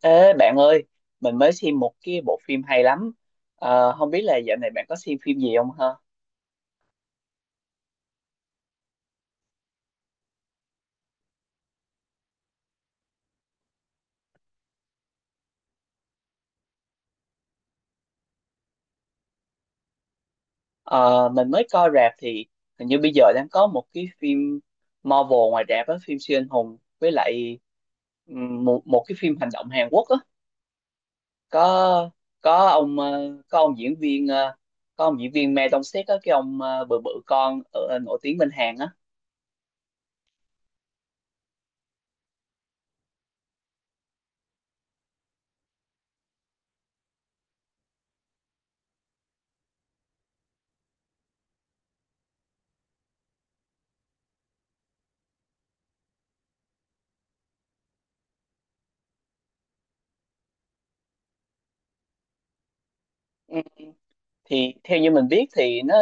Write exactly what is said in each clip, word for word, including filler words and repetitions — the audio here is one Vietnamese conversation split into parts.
Ê bạn ơi, mình mới xem một cái bộ phim hay lắm. Ờ, không biết là dạo này bạn có xem phim gì không ha? Ờ, mình mới coi rạp thì hình như bây giờ đang có một cái phim Marvel ngoài rạp á, phim siêu anh hùng với lại ừm, một một cái phim hành động Hàn Quốc á. Có có ông ờ, có ông diễn viên ờ, có ông diễn viên Ma Dong Seok á, cái ông ờ, bự bự con ở, nổi tiếng bên Hàn á. Ừ. Thì theo như mình biết thì nó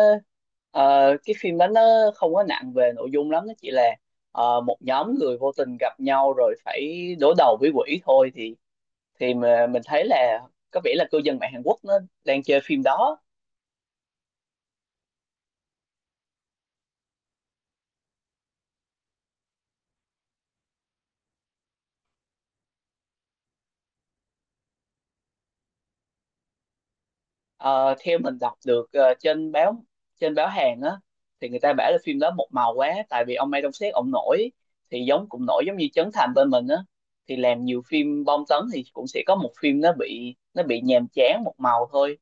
ờ, cái phim đó nó không có nặng về nội dung lắm, nó chỉ là ờ, một nhóm người vô tình gặp nhau rồi phải đối đầu với quỷ thôi. Thì thì mà mình thấy là có vẻ là cư dân mạng Hàn Quốc nó đang chơi phim đó. Ờ, theo mình đọc được ờ, trên báo trên báo Hàn á, thì người ta bảo là phim đó một màu quá, tại vì ông Mai Đông Sét ông nổi thì giống, cũng nổi giống như Trấn Thành bên mình á, thì làm nhiều phim bom tấn thì cũng sẽ có một phim nó bị nó bị nhàm chán một màu thôi.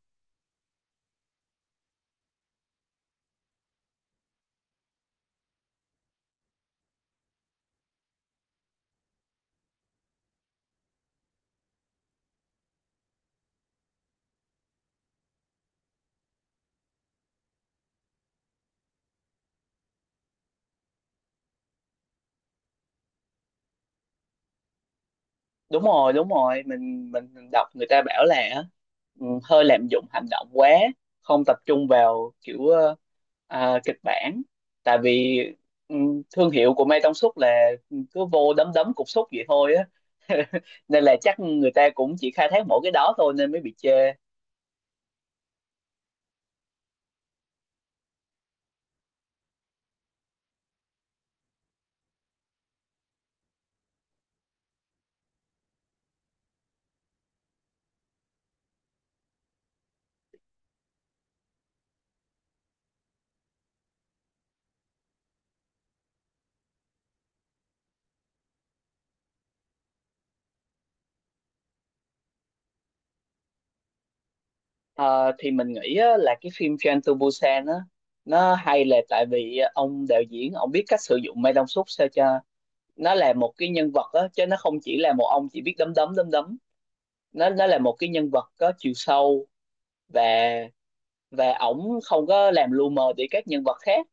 Đúng rồi, đúng rồi, mình mình đọc người ta bảo là ừ, hơi lạm dụng hành động quá, không tập trung vào kiểu ờ, à, kịch bản, tại vì ừ, thương hiệu của Mai Tông Súp là cứ vô đấm đấm cục súc vậy thôi á nên là chắc người ta cũng chỉ khai thác mỗi cái đó thôi nên mới bị chê. Ờ, thì mình nghĩ á, là cái phim Train to Busan á nó hay là tại vì ông đạo diễn ông biết cách sử dụng Mai Tông Súp sao cho nó là một cái nhân vật á, chứ nó không chỉ là một ông chỉ biết đấm đấm đấm đấm. Nó nó là một cái nhân vật có chiều sâu, và và ổng không có làm lu mờ đi các nhân vật khác,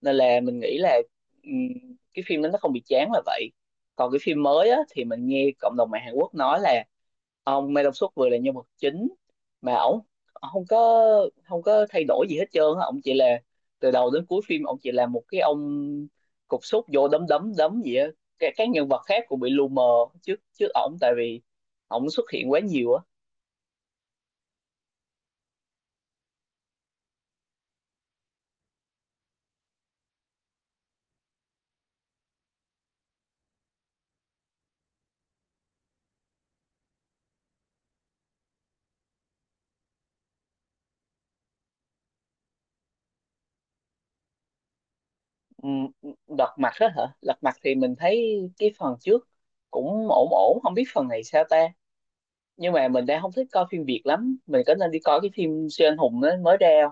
nên là mình nghĩ là ừm, cái phim đó nó không bị chán là vậy. Còn cái phim mới á, thì mình nghe cộng đồng mạng Hàn Quốc nói là ông Mae Dong Suk vừa là nhân vật chính mà ổng ổng không có không có thay đổi gì hết trơn á, ổng chỉ là từ đầu đến cuối phim ổng chỉ là một cái ông cục súc vô đấm đấm đấm gì á. Các, các nhân vật khác cũng bị lu mờ trước trước ổng, tại vì ổng xuất hiện quá nhiều á. Ừ, Lật Mặt đó hả? Lật Mặt thì mình thấy cái phần trước cũng ổn ổn, không biết phần này sao ta. Nhưng mà mình đang không thích coi phim Việt lắm. Mình có nên đi coi cái phim siêu anh hùng đó mới ra không?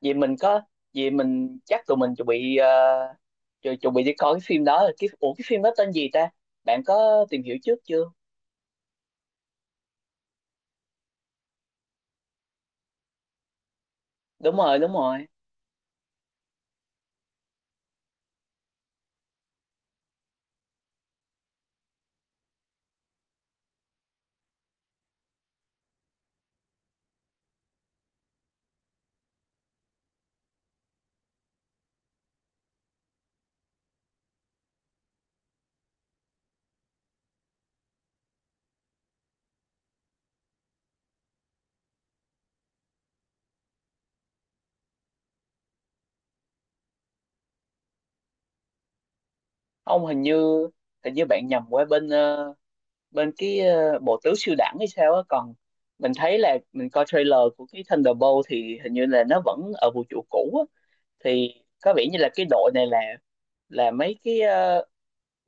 Vì mình có, vì mình chắc tụi mình chuẩn bị ờ, chu- chuẩn bị đi coi cái phim đó. Cái, ủa cái phim đó tên gì ta? Bạn có tìm hiểu trước chưa? Đúng rồi, đúng rồi. Ông hình như hình như bạn nhầm qua bên ờ, bên cái ờ, bộ tứ siêu đẳng hay sao á, còn mình thấy là mình coi trailer của cái Thunderbolt thì hình như là nó vẫn ở vũ trụ cũ á. Thì có vẻ như là cái đội này là là mấy cái ờ,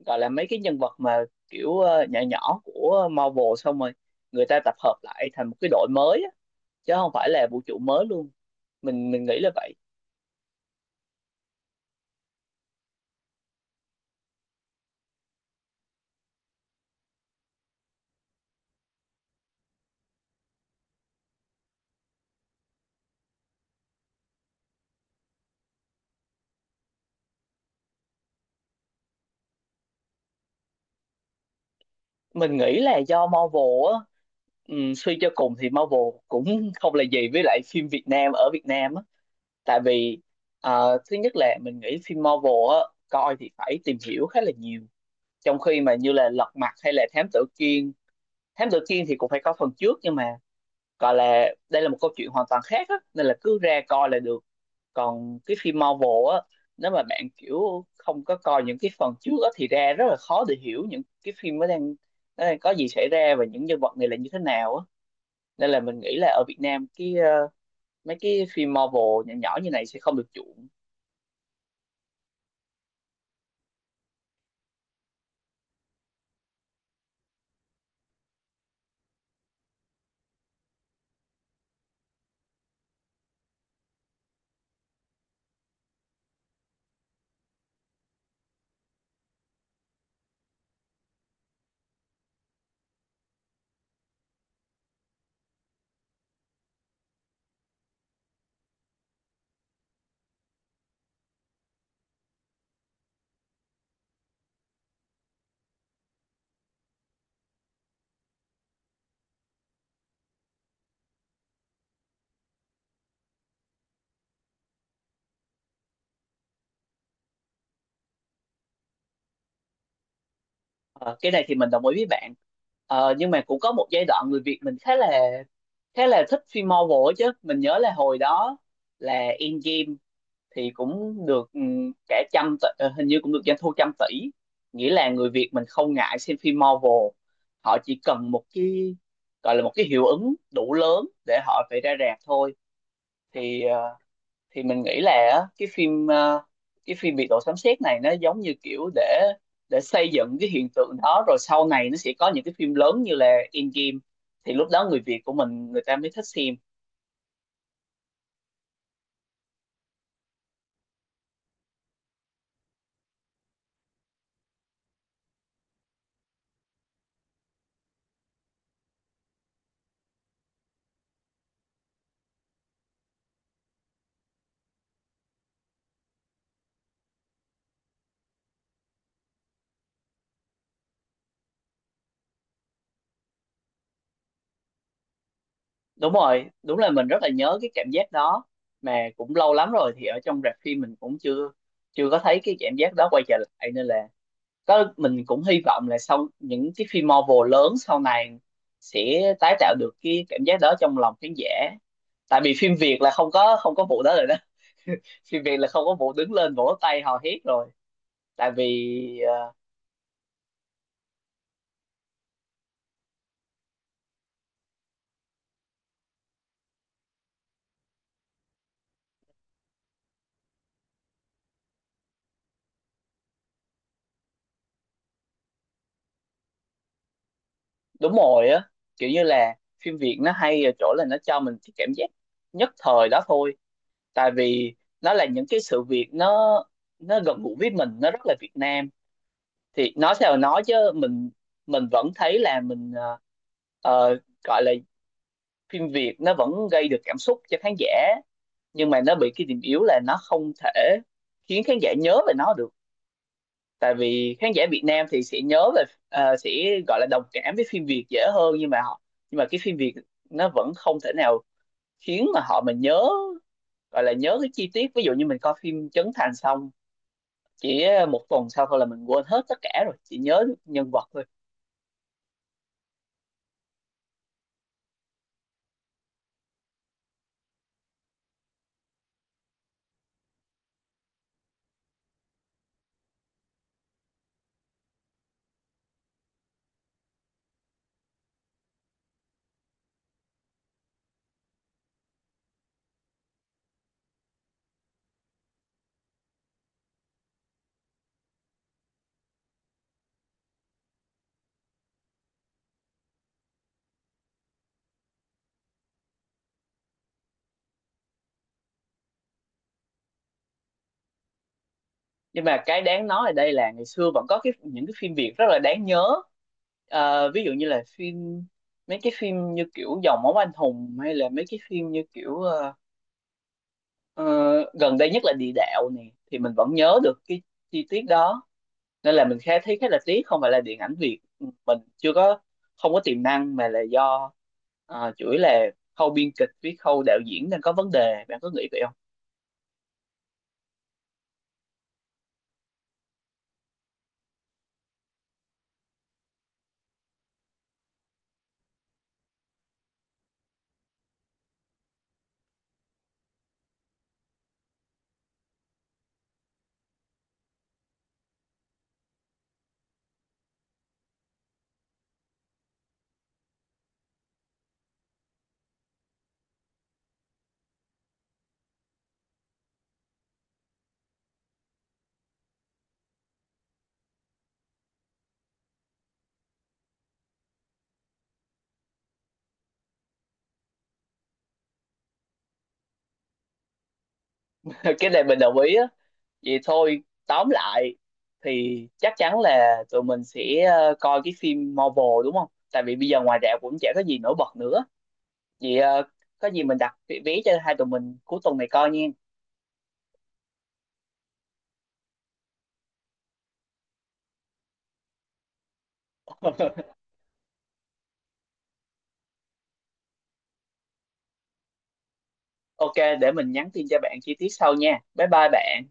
gọi là mấy cái nhân vật mà kiểu ờ, nhỏ nhỏ của Marvel, xong rồi người ta tập hợp lại thành một cái đội mới á, chứ không phải là vũ trụ mới luôn. Mình mình nghĩ là vậy. Mình nghĩ là do Marvel á. Ừm, suy cho cùng thì Marvel cũng không là gì với lại phim Việt Nam ở Việt Nam á, tại vì ờ, thứ nhất là mình nghĩ phim Marvel á, coi thì phải tìm hiểu khá là nhiều, trong khi mà như là Lật Mặt hay là Thám Tử Kiên. Thám Tử Kiên thì cũng phải có phần trước nhưng mà gọi là đây là một câu chuyện hoàn toàn khác á, nên là cứ ra coi là được. Còn cái phim Marvel á, nếu mà bạn kiểu không có coi những cái phần trước á thì ra rất là khó để hiểu những cái phim nó đang nó đang có gì xảy ra và những nhân vật này là như thế nào á. Nên là mình nghĩ là ở Việt Nam cái ờ, mấy cái phim Marvel nhỏ nhỏ như này sẽ không được chuộng. Ờ, cái này thì mình đồng ý với bạn. Ờ, nhưng mà cũng có một giai đoạn người Việt mình khá là khá là thích phim Marvel ấy chứ. Mình nhớ là hồi đó là Endgame thì cũng được ừm, cả trăm tỷ, ờ, hình như cũng được doanh thu trăm tỷ, nghĩa là người Việt mình không ngại xem phim Marvel, họ chỉ cần một cái gọi là một cái hiệu ứng đủ lớn để họ phải ra rạp thôi. Thì ờ, thì mình nghĩ là á, cái phim ờ, cái phim biệt đội sấm sét này nó giống như kiểu để để xây dựng cái hiện tượng đó, rồi sau này nó sẽ có những cái phim lớn như là Endgame thì lúc đó người Việt của mình người ta mới thích xem. Đúng rồi, đúng là mình rất là nhớ cái cảm giác đó, mà cũng lâu lắm rồi thì ở trong rạp phim mình cũng chưa chưa có thấy cái cảm giác đó quay trở lại. Nên là có, mình cũng hy vọng là sau những cái phim Marvel lớn sau này sẽ tái tạo được cái cảm giác đó trong lòng khán giả, tại vì phim Việt là không có, không có vụ đó rồi đó. Phim Việt là không có vụ đứng lên vỗ tay hò hét rồi, tại vì ờ, đúng rồi á. Kiểu như là phim Việt nó hay ở chỗ là nó cho mình cái cảm giác nhất thời đó thôi, tại vì nó là những cái sự việc nó nó gần gũi với mình, nó rất là Việt Nam. Thì nói sao nói chứ mình mình vẫn thấy là mình ờ, ờ, gọi là phim Việt nó vẫn gây được cảm xúc cho khán giả, nhưng mà nó bị cái điểm yếu là nó không thể khiến khán giả nhớ về nó được. Tại vì khán giả Việt Nam thì sẽ nhớ về ờ, sẽ gọi là đồng cảm với phim Việt dễ hơn, nhưng mà họ nhưng mà cái phim Việt nó vẫn không thể nào khiến mà họ mà nhớ, gọi là nhớ cái chi tiết. Ví dụ như mình coi phim Trấn Thành xong chỉ một tuần sau thôi là mình quên hết tất cả rồi, chỉ nhớ được nhân vật thôi. Nhưng mà cái đáng nói ở đây là ngày xưa vẫn có cái, những cái phim Việt rất là đáng nhớ. Ờ, ví dụ như là phim mấy cái phim như kiểu Dòng Máu Anh Hùng, hay là mấy cái phim như kiểu ờ, ờ, gần đây nhất là Địa Đạo này, thì mình vẫn nhớ được cái chi tiết đó. Nên là mình khá thấy khá là tiếc, không phải là điện ảnh Việt mình chưa có không có tiềm năng, mà là do ờ, chủ yếu là khâu biên kịch với khâu đạo diễn đang có vấn đề. Bạn có nghĩ vậy không? Cái này mình đồng ý á. Vậy thôi, tóm lại thì chắc chắn là tụi mình sẽ ờ, coi cái phim Marvel đúng không, tại vì bây giờ ngoài rạp cũng chả có gì nổi bật nữa. Vậy ờ, có gì mình đặt vé vé cho hai tụi mình cuối tuần này coi nha. OK, để mình nhắn tin cho bạn chi tiết sau nha, bye bye bạn.